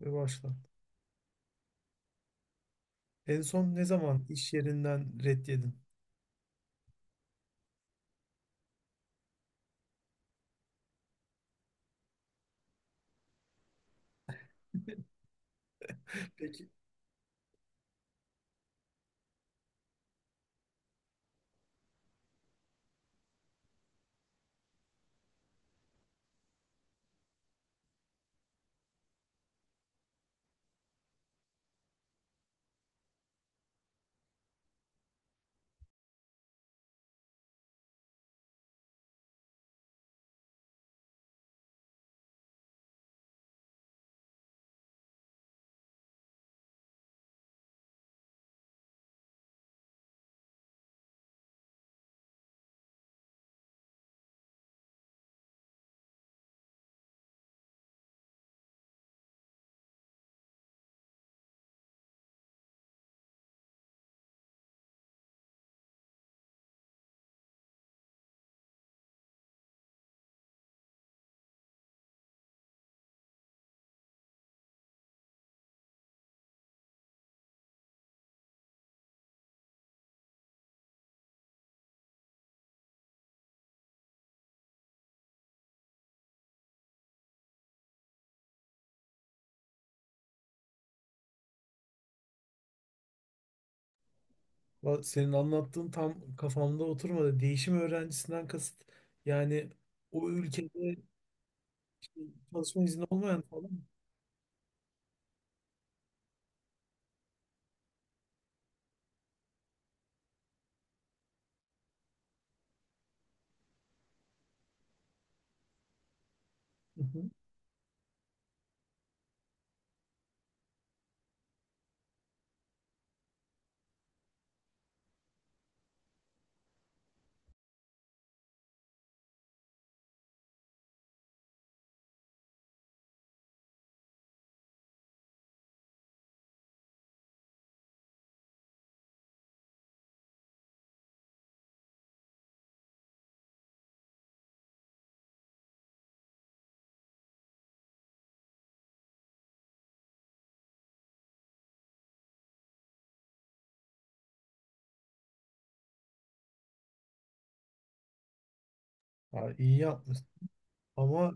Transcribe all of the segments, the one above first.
Ve başla. En son ne zaman iş yerinden ret yedin? Peki, senin anlattığın tam kafamda oturmadı. Değişim öğrencisinden kasıt yani o ülkede işte çalışma izni olmayan falan mı? Hı hı. Ha, iyi yapmışsın. Ama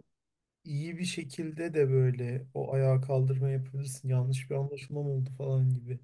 iyi bir şekilde de böyle o ayağa kaldırma yapabilirsin. Yanlış bir anlaşılma mı oldu falan gibi.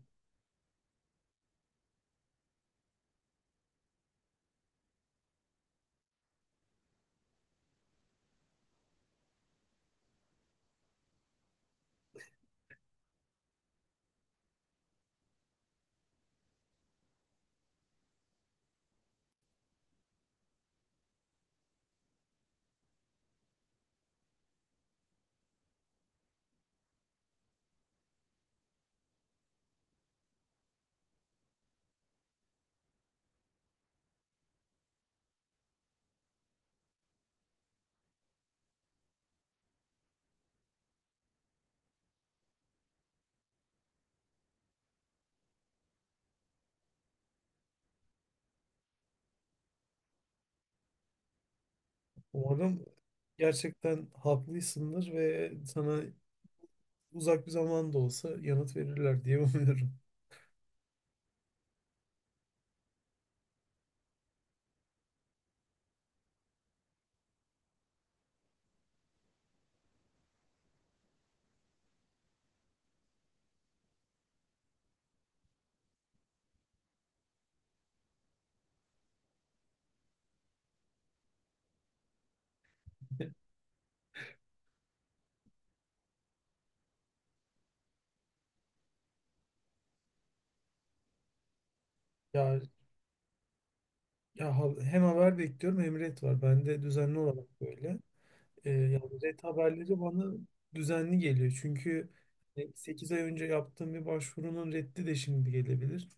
Umarım gerçekten haklıysındır ve sana uzak bir zaman da olsa yanıt verirler diye umuyorum. Ya, ya hem haber bekliyorum hem ret var. Bende düzenli olarak böyle. Yani ret haberleri bana düzenli geliyor. Çünkü hani, 8 ay önce yaptığım bir başvurunun reddi de şimdi gelebilir.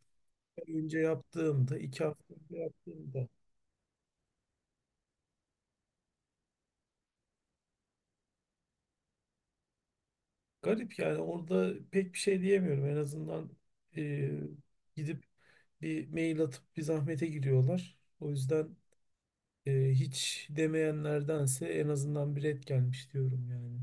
1 ay önce yaptığımda, 2 hafta önce yaptığımda. Garip yani, orada pek bir şey diyemiyorum. En azından e, gidip bir mail atıp bir zahmete giriyorlar. O yüzden hiç demeyenlerdense en azından bir ret gelmiş diyorum yani.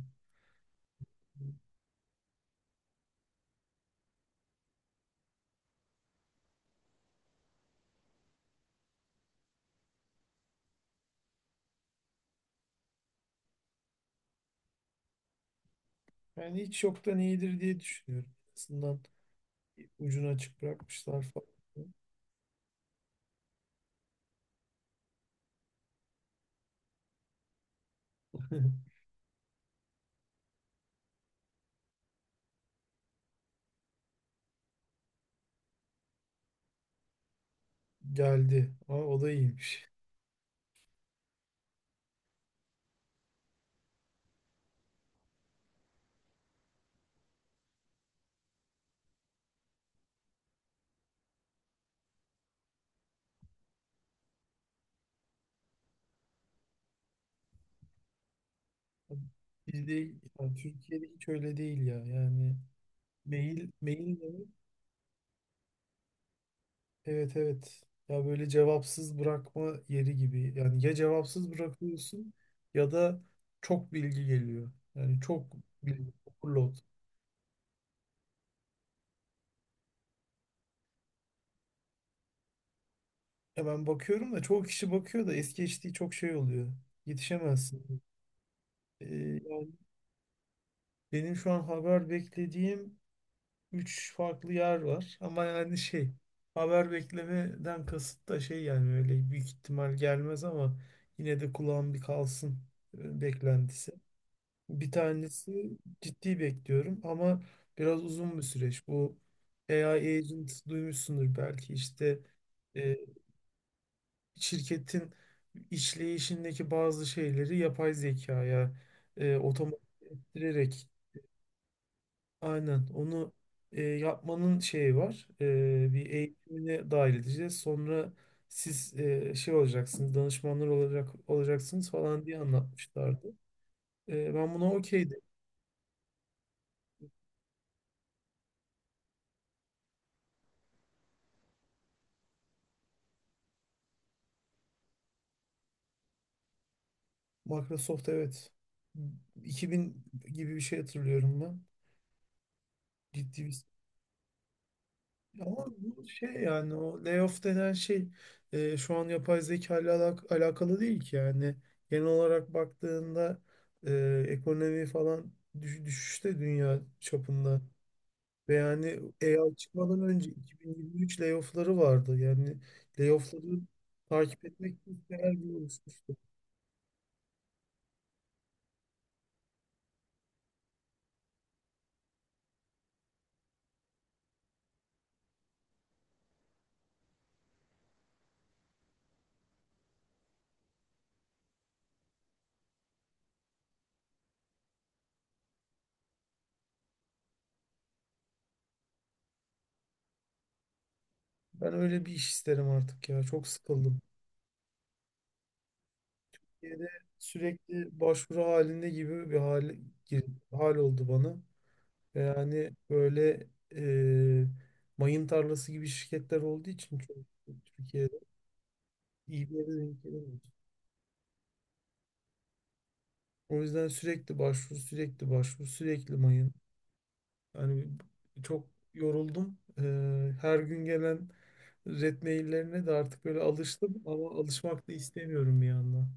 Yani hiç yoktan iyidir diye düşünüyorum. En azından ucunu açık bırakmışlar falan. Geldi. Ama o da iyiymiş. Bizde, yani Türkiye'de hiç öyle değil ya. Yani mail mail de evet evet. Ya, böyle cevapsız bırakma yeri gibi. Yani ya cevapsız bırakıyorsun ya da çok bilgi geliyor. Yani çok bilgi overload. Ya ben bakıyorum da çoğu kişi bakıyor da es geçtiği çok şey oluyor. Yetişemezsin. Ee, Benim şu an haber beklediğim 3 farklı yer var. Ama yani şey, haber beklemeden kasıt da şey, yani öyle büyük ihtimal gelmez ama yine de kulağım bir kalsın beklentisi. Bir tanesi ciddi bekliyorum ama biraz uzun bir süreç. Bu AI agent duymuşsundur belki, işte e, şirketin işleyişindeki bazı şeyleri yapay zekaya otomatik ettirerek. Aynen. Onu yapmanın şeyi var. E, bir eğitimine dahil edeceğiz. Sonra siz şey olacaksınız, danışmanlar olacaksınız falan diye anlatmışlardı. E, ben buna okeydim. Microsoft evet. 2000 gibi bir şey hatırlıyorum ben. Ciddi bir. Ama bu şey, yani o layoff denen şey şu an yapay zeka ile alakalı değil ki yani. Genel olarak baktığında ekonomi falan düşüşte dünya çapında. Ve yani AI çıkmadan önce 2023 layoff'ları vardı. Yani layoff'ları takip etmek isteyen gibi oluşmuştu. Ben öyle bir iş isterim artık ya. Çok sıkıldım. Türkiye'de sürekli başvuru halinde gibi bir hal, hal oldu bana. E, yani böyle e, mayın tarlası gibi şirketler olduğu için çok Türkiye'de iyi bir yere denk gelemiyoruz. O yüzden sürekli başvuru, sürekli başvuru, sürekli mayın. Yani çok yoruldum. E, her gün gelen red maillerine de artık böyle alıştım ama alışmak da istemiyorum bir yandan.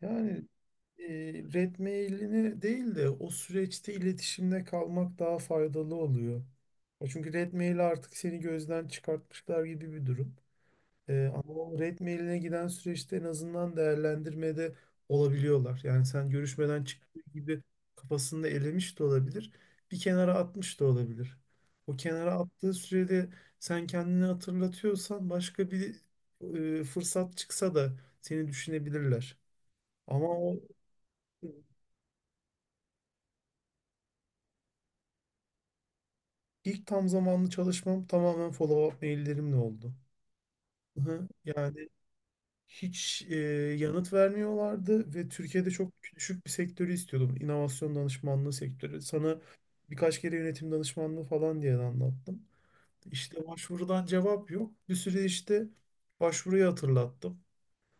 Yani e, red mailini değil de o süreçte iletişimde kalmak daha faydalı oluyor. Ya çünkü red maili artık seni gözden çıkartmışlar gibi bir durum. E, ama o red mailine giden süreçte en azından değerlendirmede olabiliyorlar. Yani sen görüşmeden çıktığı gibi kafasında elemiş de olabilir, bir kenara atmış da olabilir. O kenara attığı sürede sen kendini hatırlatıyorsan başka bir fırsat çıksa da seni düşünebilirler. Ama o, İlk tam zamanlı çalışmam tamamen follow-up maillerimle oldu. Hı. Yani hiç yanıt vermiyorlardı ve Türkiye'de çok düşük bir sektörü istiyordum. İnovasyon danışmanlığı sektörü. Sana birkaç kere yönetim danışmanlığı falan diye de anlattım. İşte başvurudan cevap yok. Bir süre işte başvuruyu hatırlattım.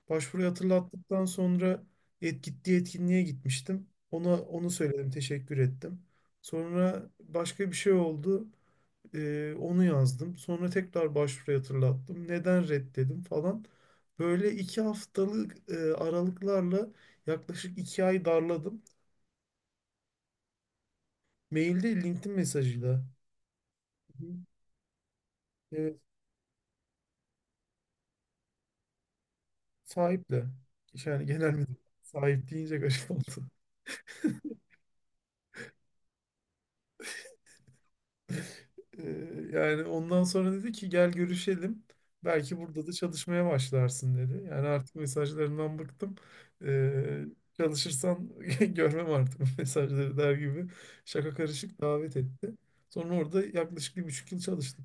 Başvuruyu hatırlattıktan sonra gittiği etkinliğe gitmiştim. Ona onu söyledim, teşekkür ettim. Sonra başka bir şey oldu. Onu yazdım. Sonra tekrar başvuruyu hatırlattım. Neden reddedim falan. Böyle 2 haftalık aralıklarla yaklaşık 2 ay darladım. Mailde, LinkedIn mesajıyla. Hı. Evet, sahiple. Yani genel müdür. Sahip deyince garip oldu. Ee, Yani ondan sonra dedi ki gel görüşelim. Belki burada da çalışmaya başlarsın dedi. Yani artık mesajlarından bıktım. Ee, Çalışırsan görmem artık bu mesajları der gibi şaka karışık davet etti. Sonra orada yaklaşık 1,5 yıl çalıştım.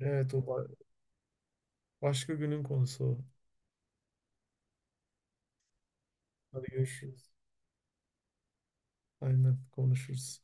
Evet o başka günün konusu o. Hadi görüşürüz. Aynen, konuşuruz.